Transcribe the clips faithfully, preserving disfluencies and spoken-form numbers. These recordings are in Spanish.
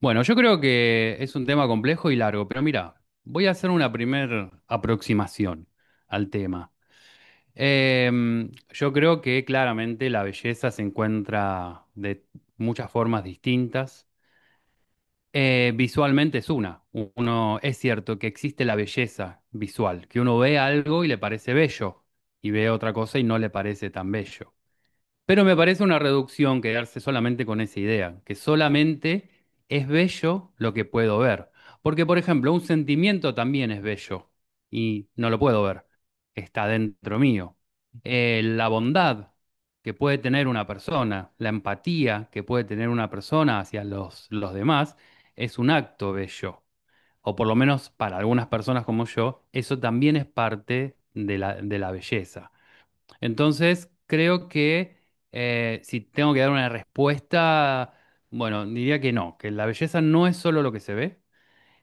Bueno, yo creo que es un tema complejo y largo, pero mira, voy a hacer una primer aproximación al tema. Em, yo creo que claramente la belleza se encuentra de muchas formas distintas. Eh, visualmente es una. U- Uno, es cierto que existe la belleza visual, que uno ve algo y le parece bello, y ve otra cosa y no le parece tan bello. Pero me parece una reducción quedarse solamente con esa idea, que solamente es bello lo que puedo ver. Porque, por ejemplo, un sentimiento también es bello y no lo puedo ver, está dentro mío. Eh, la bondad que puede tener una persona, la empatía que puede tener una persona hacia los, los demás, es un acto bello. O por lo menos para algunas personas como yo, eso también es parte de la, de la belleza. Entonces, creo que eh, si tengo que dar una respuesta, bueno, diría que no, que la belleza no es solo lo que se ve,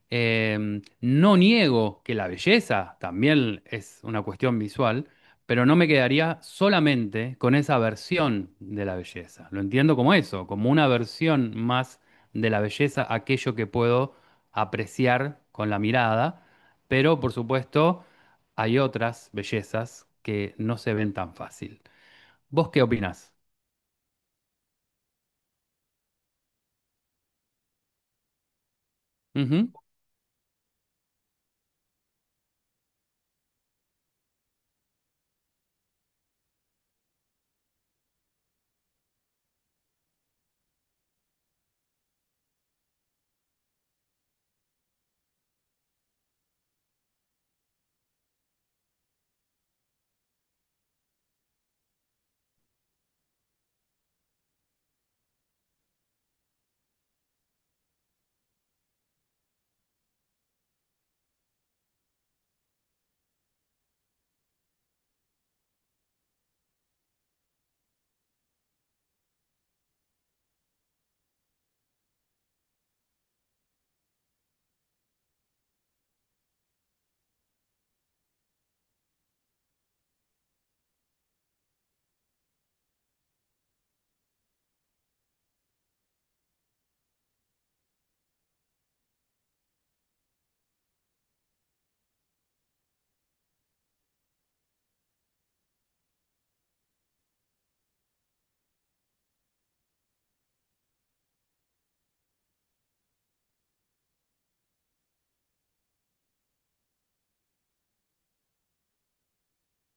eh, no niego que la belleza también es una cuestión visual, pero no me quedaría solamente con esa versión de la belleza. Lo entiendo como eso, como una versión más de la belleza, aquello que puedo apreciar con la mirada, pero por supuesto hay otras bellezas que no se ven tan fácil. ¿Vos qué opinás? Ujú,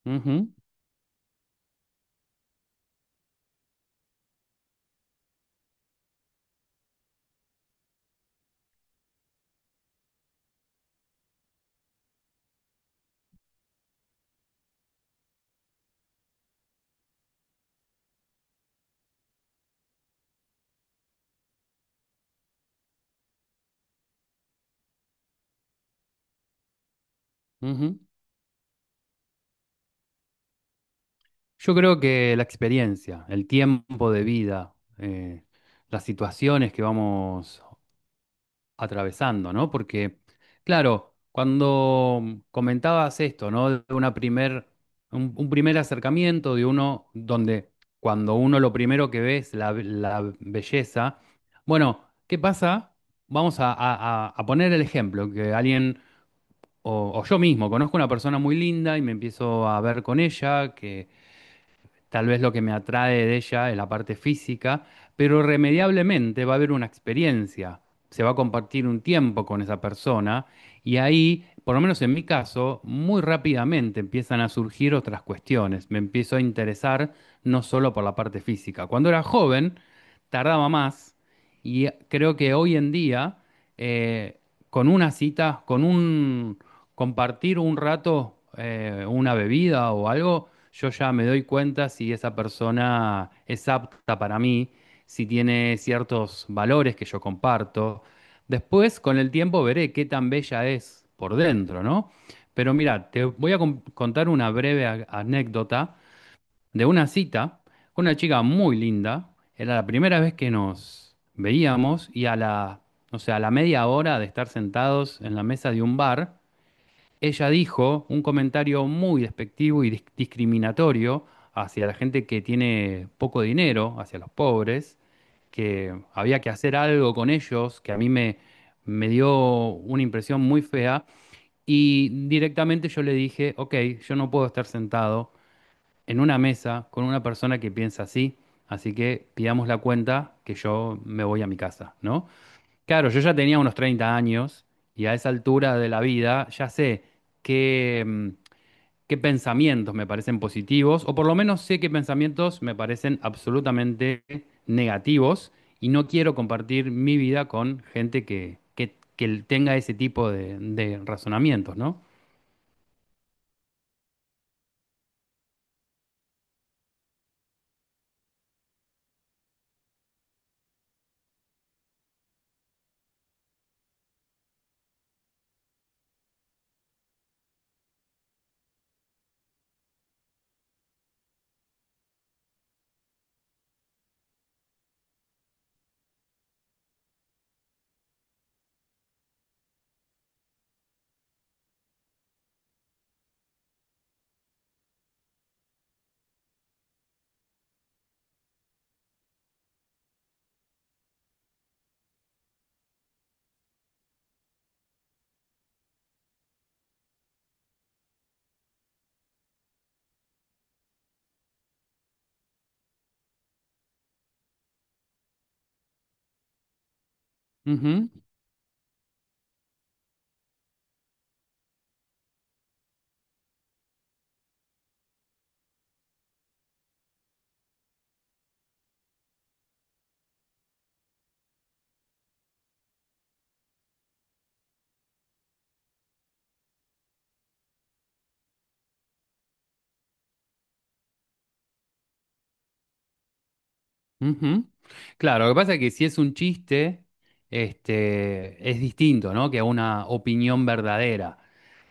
ujú, ujú. Yo creo que la experiencia, el tiempo de vida, eh, las situaciones que vamos atravesando, ¿no? Porque, claro, cuando comentabas esto, ¿no? De una primer, un, un primer acercamiento de uno donde cuando uno lo primero que ve es la, be- la belleza, bueno, ¿qué pasa? Vamos a, a- a- a poner el ejemplo, que alguien, o, o yo mismo, conozco una persona muy linda y me empiezo a ver con ella. Tal vez lo que me atrae de ella es la parte física, pero irremediablemente va a haber una experiencia. Se va a compartir un tiempo con esa persona y ahí, por lo menos en mi caso, muy rápidamente empiezan a surgir otras cuestiones. Me empiezo a interesar no solo por la parte física. Cuando era joven, tardaba más y creo que hoy en día, eh, con una cita, con un compartir un rato eh, una bebida o algo, yo ya me doy cuenta si esa persona es apta para mí, si tiene ciertos valores que yo comparto. Después, con el tiempo, veré qué tan bella es por dentro, ¿no? Pero mira, te voy a con- contar una breve a- anécdota de una cita con una chica muy linda. Era la primera vez que nos veíamos y a la, o sea, a la media hora de estar sentados en la mesa de un bar, ella dijo un comentario muy despectivo y dis- discriminatorio hacia la gente que tiene poco dinero, hacia los pobres, que había que hacer algo con ellos, que a mí me, me dio una impresión muy fea. Y directamente yo le dije, ok, yo no puedo estar sentado en una mesa con una persona que piensa así, así que pidamos la cuenta que yo me voy a mi casa, ¿no? Claro, yo ya tenía unos treinta años y a esa altura de la vida ya sé qué, mm, qué pensamientos me parecen positivos o por lo menos sé qué pensamientos me parecen absolutamente negativos y no quiero compartir mi vida con gente que, que- que tenga ese tipo de, de razonamientos, ¿no? Ujú. Ujú. Claro, lo que pasa es que si es un chiste, este, es distinto, ¿no? Que una opinión verdadera.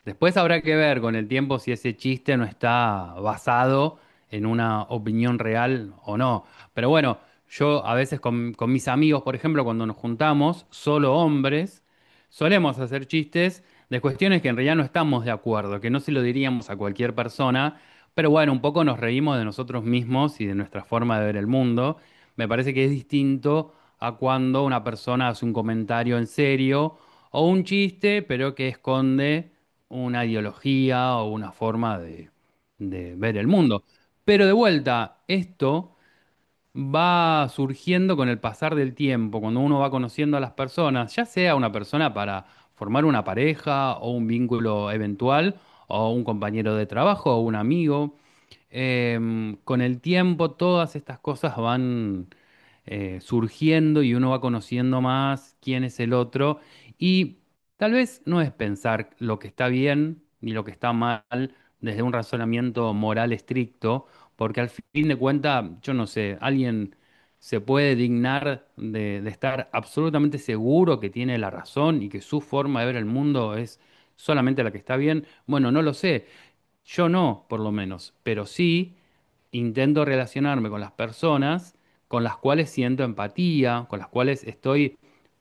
Después habrá que ver con el tiempo si ese chiste no está basado en una opinión real o no. Pero bueno, yo a veces con, con mis amigos, por ejemplo, cuando nos juntamos, solo hombres, solemos hacer chistes de cuestiones que en realidad no estamos de acuerdo, que no se lo diríamos a cualquier persona, pero bueno, un poco nos reímos de nosotros mismos y de nuestra forma de ver el mundo. Me parece que es distinto a cuando una persona hace un comentario en serio o un chiste, pero que esconde una ideología o una forma de, de ver el mundo. Pero de vuelta, esto va surgiendo con el pasar del tiempo, cuando uno va conociendo a las personas, ya sea una persona para formar una pareja o un vínculo eventual, o un compañero de trabajo o un amigo. Em, con el tiempo todas estas cosas van eh, surgiendo y uno va conociendo más quién es el otro y tal vez no es pensar lo que está bien ni lo que está mal desde un razonamiento moral estricto, porque al fin de cuentas, yo no sé, alguien se puede dignar de, de estar absolutamente seguro que tiene la razón y que su forma de ver el mundo es solamente la que está bien. Bueno, no lo sé. Yo no, por lo menos, pero sí intento relacionarme con las personas con las cuales siento empatía, con las cuales estoy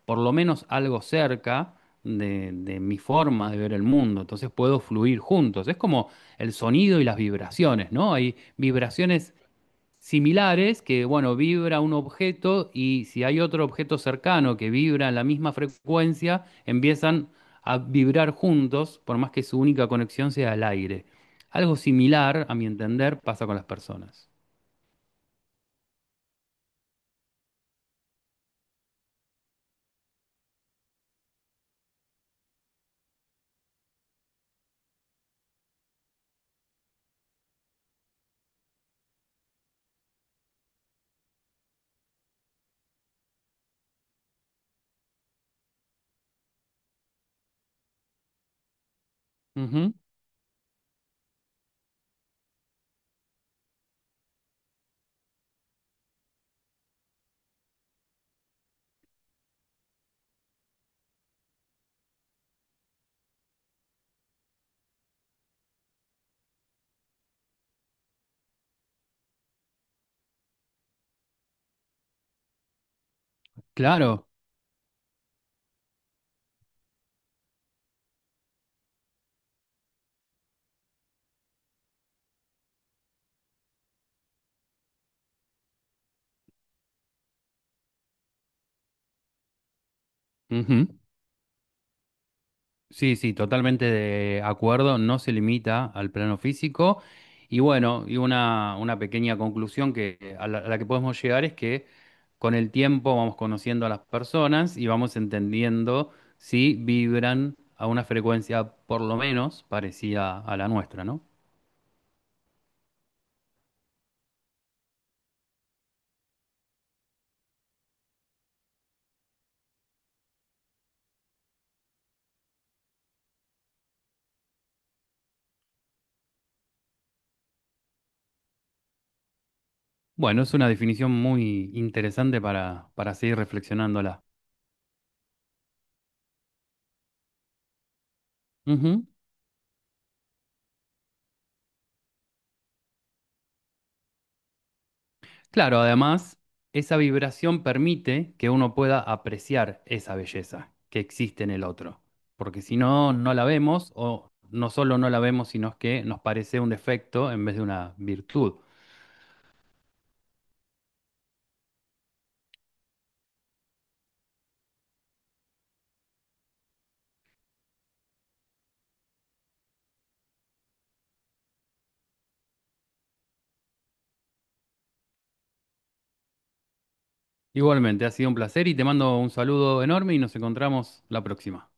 por lo menos algo cerca de, de mi forma de ver el mundo. Entonces puedo fluir juntos. Es como el sonido y las vibraciones, ¿no? Hay vibraciones similares que, bueno, vibra un objeto y si hay otro objeto cercano que vibra en la misma frecuencia, empiezan a vibrar juntos, por más que su única conexión sea el aire. Algo similar, a mi entender, pasa con las personas. Ujú. Claro. Ujú. Sí, sí, totalmente de acuerdo, no se limita al plano físico. Y bueno, y una, una pequeña conclusión que, a la, a la que podemos llegar es que con el tiempo vamos conociendo a las personas y vamos entendiendo si vibran a una frecuencia por lo menos parecida a la nuestra, ¿no? Bueno, es una definición muy interesante para, para seguir reflexionándola. Ujú. Claro, además, esa vibración permite que uno pueda apreciar esa belleza que existe en el otro, porque si no, no la vemos o no solo no la vemos, sino que nos parece un defecto en vez de una virtud. Igualmente, ha sido un placer y te mando un saludo enorme y nos encontramos la próxima.